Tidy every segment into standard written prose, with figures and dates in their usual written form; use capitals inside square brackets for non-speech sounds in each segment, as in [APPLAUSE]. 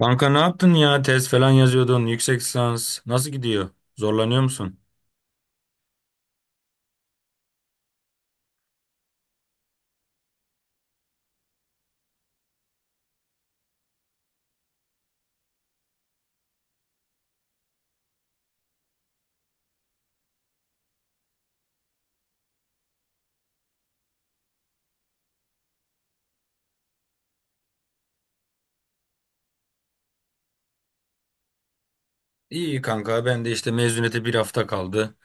Kanka ne yaptın ya? Tez falan yazıyordun. Yüksek lisans. Nasıl gidiyor? Zorlanıyor musun? İyi kanka. Ben de işte mezuniyete bir hafta kaldı.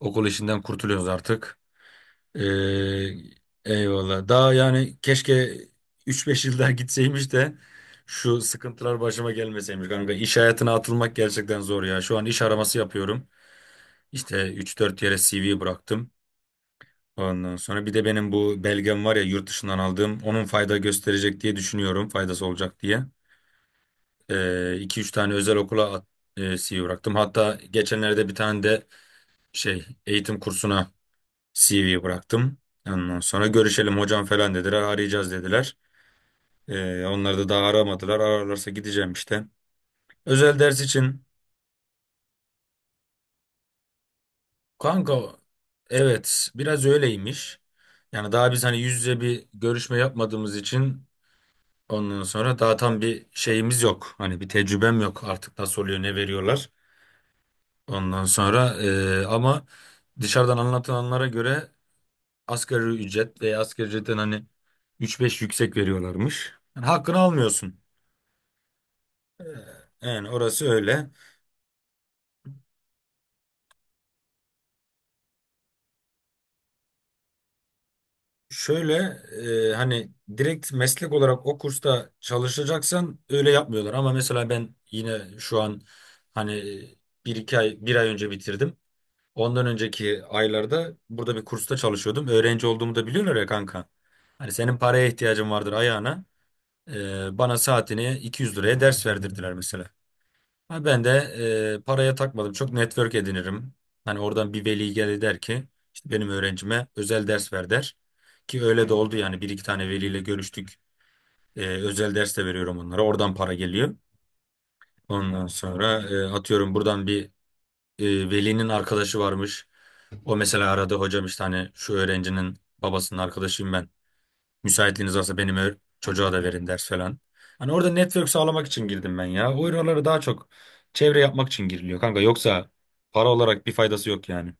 Okul işinden kurtuluyoruz artık. Ee, Eyvallah. Daha yani keşke 3-5 yıl daha gitseymiş de şu sıkıntılar başıma gelmeseymiş kanka. İş hayatına atılmak gerçekten zor ya. Şu an iş araması yapıyorum. İşte 3-4 yere CV bıraktım. Ondan sonra bir de benim bu belgem var ya yurt dışından aldığım. Onun fayda gösterecek diye düşünüyorum. Faydası olacak diye. İki üç tane özel okula CV bıraktım. Hatta geçenlerde bir tane de eğitim kursuna CV bıraktım. Ondan sonra görüşelim hocam falan dediler. Arayacağız dediler. Onları da daha aramadılar. Ararlarsa gideceğim işte. Özel ders için kanka evet biraz öyleymiş. Yani daha biz hani yüz yüze bir görüşme yapmadığımız için ondan sonra daha tam bir şeyimiz yok. Hani bir tecrübem yok artık nasıl oluyor ne veriyorlar. Ondan sonra ama dışarıdan anlatılanlara göre asgari ücret veya asgari ücretten hani üç beş yüksek veriyorlarmış. Yani hakkını almıyorsun. Yani orası öyle. Şöyle hani direkt meslek olarak o kursta çalışacaksan öyle yapmıyorlar. Ama mesela ben yine şu an hani bir iki ay bir ay önce bitirdim. Ondan önceki aylarda burada bir kursta çalışıyordum. Öğrenci olduğumu da biliyorlar ya kanka. Hani senin paraya ihtiyacın vardır ayağına. Bana saatini 200 liraya ders verdirdiler mesela. Ha, ben de paraya takmadım. Çok network edinirim. Hani oradan bir veli gelir der ki işte benim öğrencime özel ders ver der. Ki öyle de oldu yani bir iki tane veliyle görüştük. Özel ders de veriyorum onlara. Oradan para geliyor. Ondan sonra atıyorum buradan bir e, velinin arkadaşı varmış. O mesela aradı hocam işte hani şu öğrencinin babasının arkadaşıyım ben. Müsaitliğiniz olsa benim çocuğa da verin ders falan. Hani orada network sağlamak için girdim ben ya. O oraları daha çok çevre yapmak için giriliyor kanka. Yoksa para olarak bir faydası yok yani.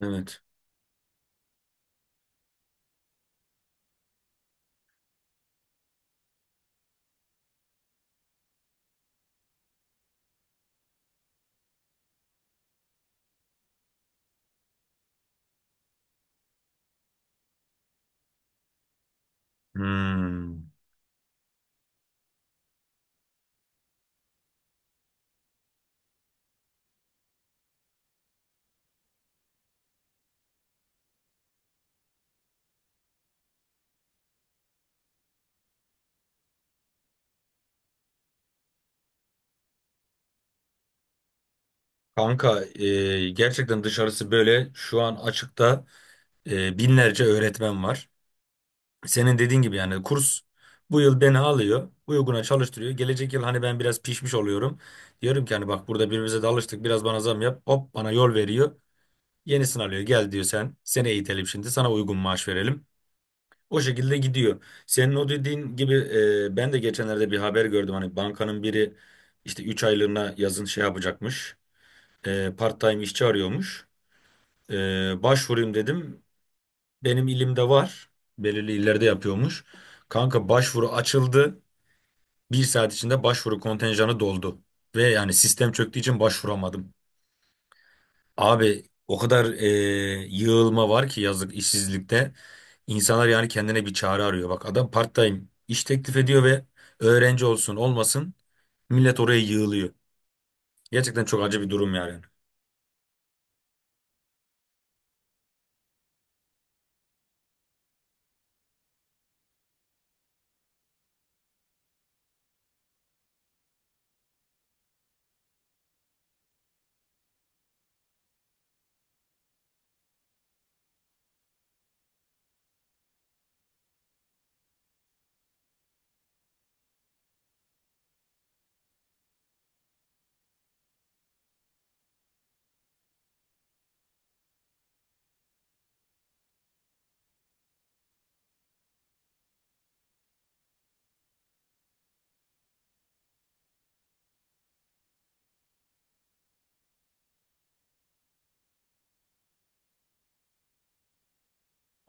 Evet. Hmm. Kanka gerçekten dışarısı böyle şu an açıkta binlerce öğretmen var. Senin dediğin gibi yani kurs bu yıl beni alıyor. Uyguna çalıştırıyor. Gelecek yıl hani ben biraz pişmiş oluyorum. Diyorum ki hani bak burada birbirimize de alıştık biraz bana zam yap. Hop bana yol veriyor. Yenisini alıyor. Gel diyor sen. Seni eğitelim şimdi. Sana uygun maaş verelim. O şekilde gidiyor. Senin o dediğin gibi ben de geçenlerde bir haber gördüm. Hani bankanın biri işte 3 aylığına yazın şey yapacakmış. Part-time işçi arıyormuş. Başvurayım dedim. Benim ilimde var. Belirli illerde yapıyormuş. Kanka başvuru açıldı. Bir saat içinde başvuru kontenjanı doldu. Ve yani sistem çöktüğü için başvuramadım. Abi o kadar yığılma var ki yazık işsizlikte. İnsanlar yani kendine bir çare arıyor. Bak adam part-time iş teklif ediyor ve öğrenci olsun olmasın millet oraya yığılıyor. Gerçekten çok acı bir durum yani.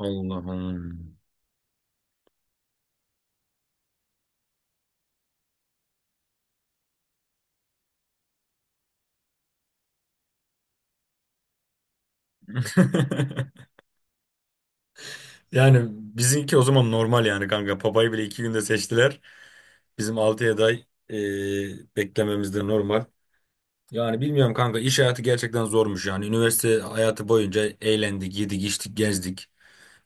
Allah'ım. [LAUGHS] Yani bizimki o zaman normal yani kanka. Papayı bile iki günde seçtiler. Bizim 6'ya beklememiz de normal. Yani bilmiyorum kanka iş hayatı gerçekten zormuş yani. Üniversite hayatı boyunca eğlendik, yedik, içtik, gezdik.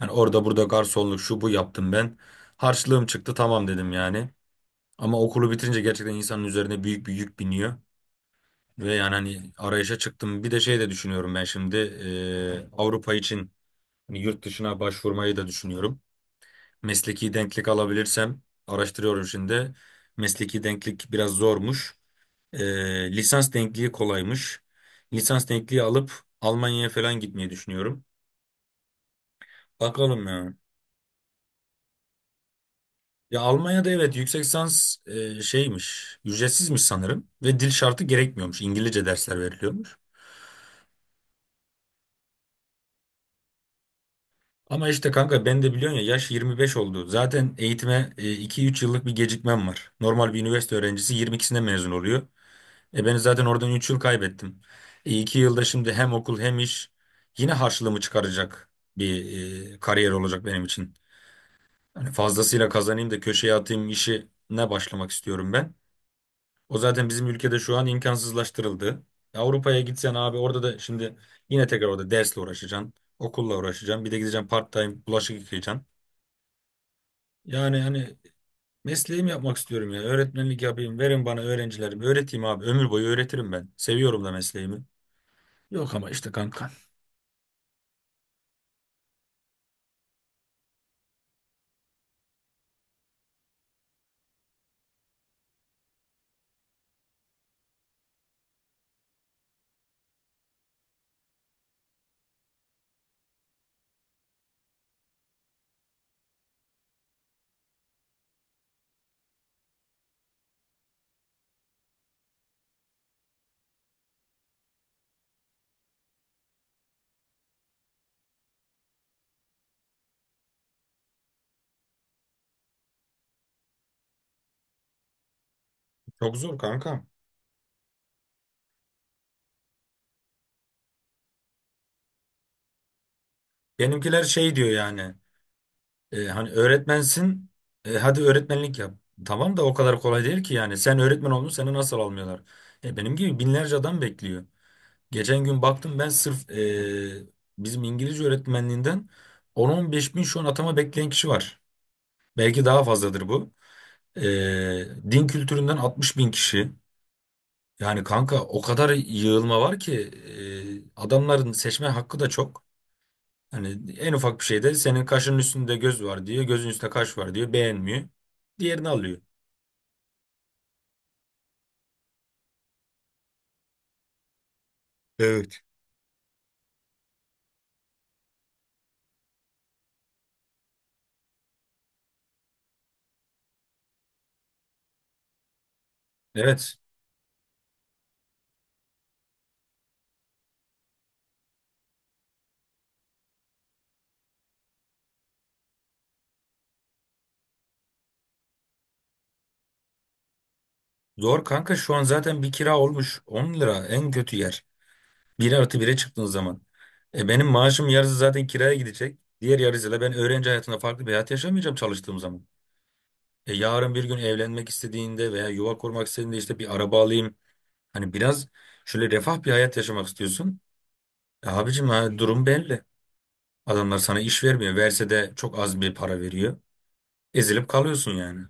Yani orada burada garsonluk şu bu yaptım ben. Harçlığım çıktı tamam dedim yani. Ama okulu bitirince gerçekten insanın üzerine büyük bir yük biniyor. Ve yani hani arayışa çıktım. Bir de şey de düşünüyorum ben şimdi Avrupa için hani yurt dışına başvurmayı da düşünüyorum. Mesleki denklik alabilirsem araştırıyorum şimdi. Mesleki denklik biraz zormuş. Lisans denkliği kolaymış. Lisans denkliği alıp Almanya'ya falan gitmeyi düşünüyorum. Bakalım ya. Ya Almanya'da evet yüksek lisans şeymiş, ücretsizmiş sanırım ve dil şartı gerekmiyormuş. İngilizce dersler veriliyormuş. Ama işte kanka ben de biliyorsun ya yaş 25 oldu. Zaten eğitime iki üç yıllık bir gecikmem var. Normal bir üniversite öğrencisi 22'sinde mezun oluyor. Ben zaten oradan 3 yıl kaybettim. 2 yılda şimdi hem okul hem iş yine harçlığımı çıkaracak bir kariyer olacak benim için. Hani fazlasıyla kazanayım da köşeye atayım işine başlamak istiyorum ben. O zaten bizim ülkede şu an imkansızlaştırıldı. Avrupa'ya gitsen abi orada da şimdi yine tekrar orada dersle uğraşacaksın. Okulla uğraşacaksın. Bir de gideceksin part time bulaşık yıkayacaksın. Yani hani mesleğimi yapmak istiyorum ya. Öğretmenlik yapayım. Verin bana öğrencilerimi. Öğreteyim abi. Ömür boyu öğretirim ben. Seviyorum da mesleğimi. Yok ama işte kanka. Çok zor kanka. Benimkiler şey diyor yani. Hani öğretmensin. Hadi öğretmenlik yap. Tamam da o kadar kolay değil ki yani. Sen öğretmen oldun seni nasıl almıyorlar? Benim gibi binlerce adam bekliyor. Geçen gün baktım ben sırf bizim İngilizce öğretmenliğinden 10-15 bin şu an atama bekleyen kişi var. Belki daha fazladır bu. Din kültüründen 60 bin kişi. Yani kanka o kadar yığılma var ki adamların seçme hakkı da çok. Hani en ufak bir şeyde senin kaşının üstünde göz var diyor, gözün üstünde kaş var diyor, beğenmiyor. Diğerini alıyor. Evet. Evet. Zor kanka şu an zaten bir kira olmuş 10 lira en kötü yer. Bir artı bire çıktığın zaman. Benim maaşım yarısı zaten kiraya gidecek. Diğer yarısıyla ben öğrenci hayatında farklı bir hayat yaşamayacağım çalıştığım zaman. Yarın bir gün evlenmek istediğinde veya yuva kurmak istediğinde işte bir araba alayım. Hani biraz şöyle refah bir hayat yaşamak istiyorsun. Abicim ha, durum belli. Adamlar sana iş vermiyor. Verse de çok az bir para veriyor. Ezilip kalıyorsun yani.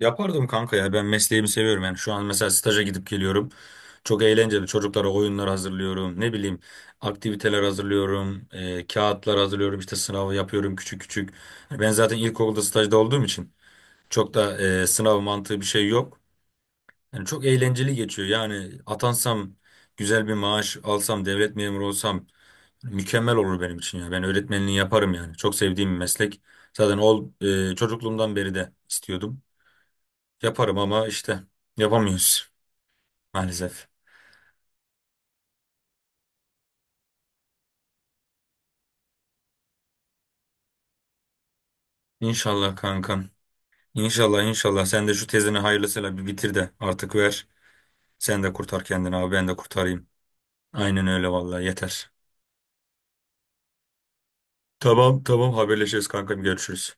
Yapardım kanka ya, ben mesleğimi seviyorum yani. Şu an mesela staja gidip geliyorum, çok eğlenceli. Çocuklara oyunlar hazırlıyorum, ne bileyim aktiviteler hazırlıyorum, kağıtlar hazırlıyorum, işte sınavı yapıyorum küçük küçük. Hani ben zaten ilkokulda stajda olduğum için çok da sınav mantığı bir şey yok, yani çok eğlenceli geçiyor. Yani atansam, güzel bir maaş alsam, devlet memuru olsam mükemmel olur benim için. Ya ben öğretmenliği yaparım, yani çok sevdiğim bir meslek zaten. Çocukluğumdan beri de istiyordum. Yaparım ama işte yapamıyoruz maalesef. İnşallah kankam. İnşallah inşallah sen de şu tezini hayırlısıyla bir bitir de artık ver. Sen de kurtar kendini abi ben de kurtarayım. Aynen öyle vallahi yeter. Tamam tamam haberleşiriz kankam görüşürüz.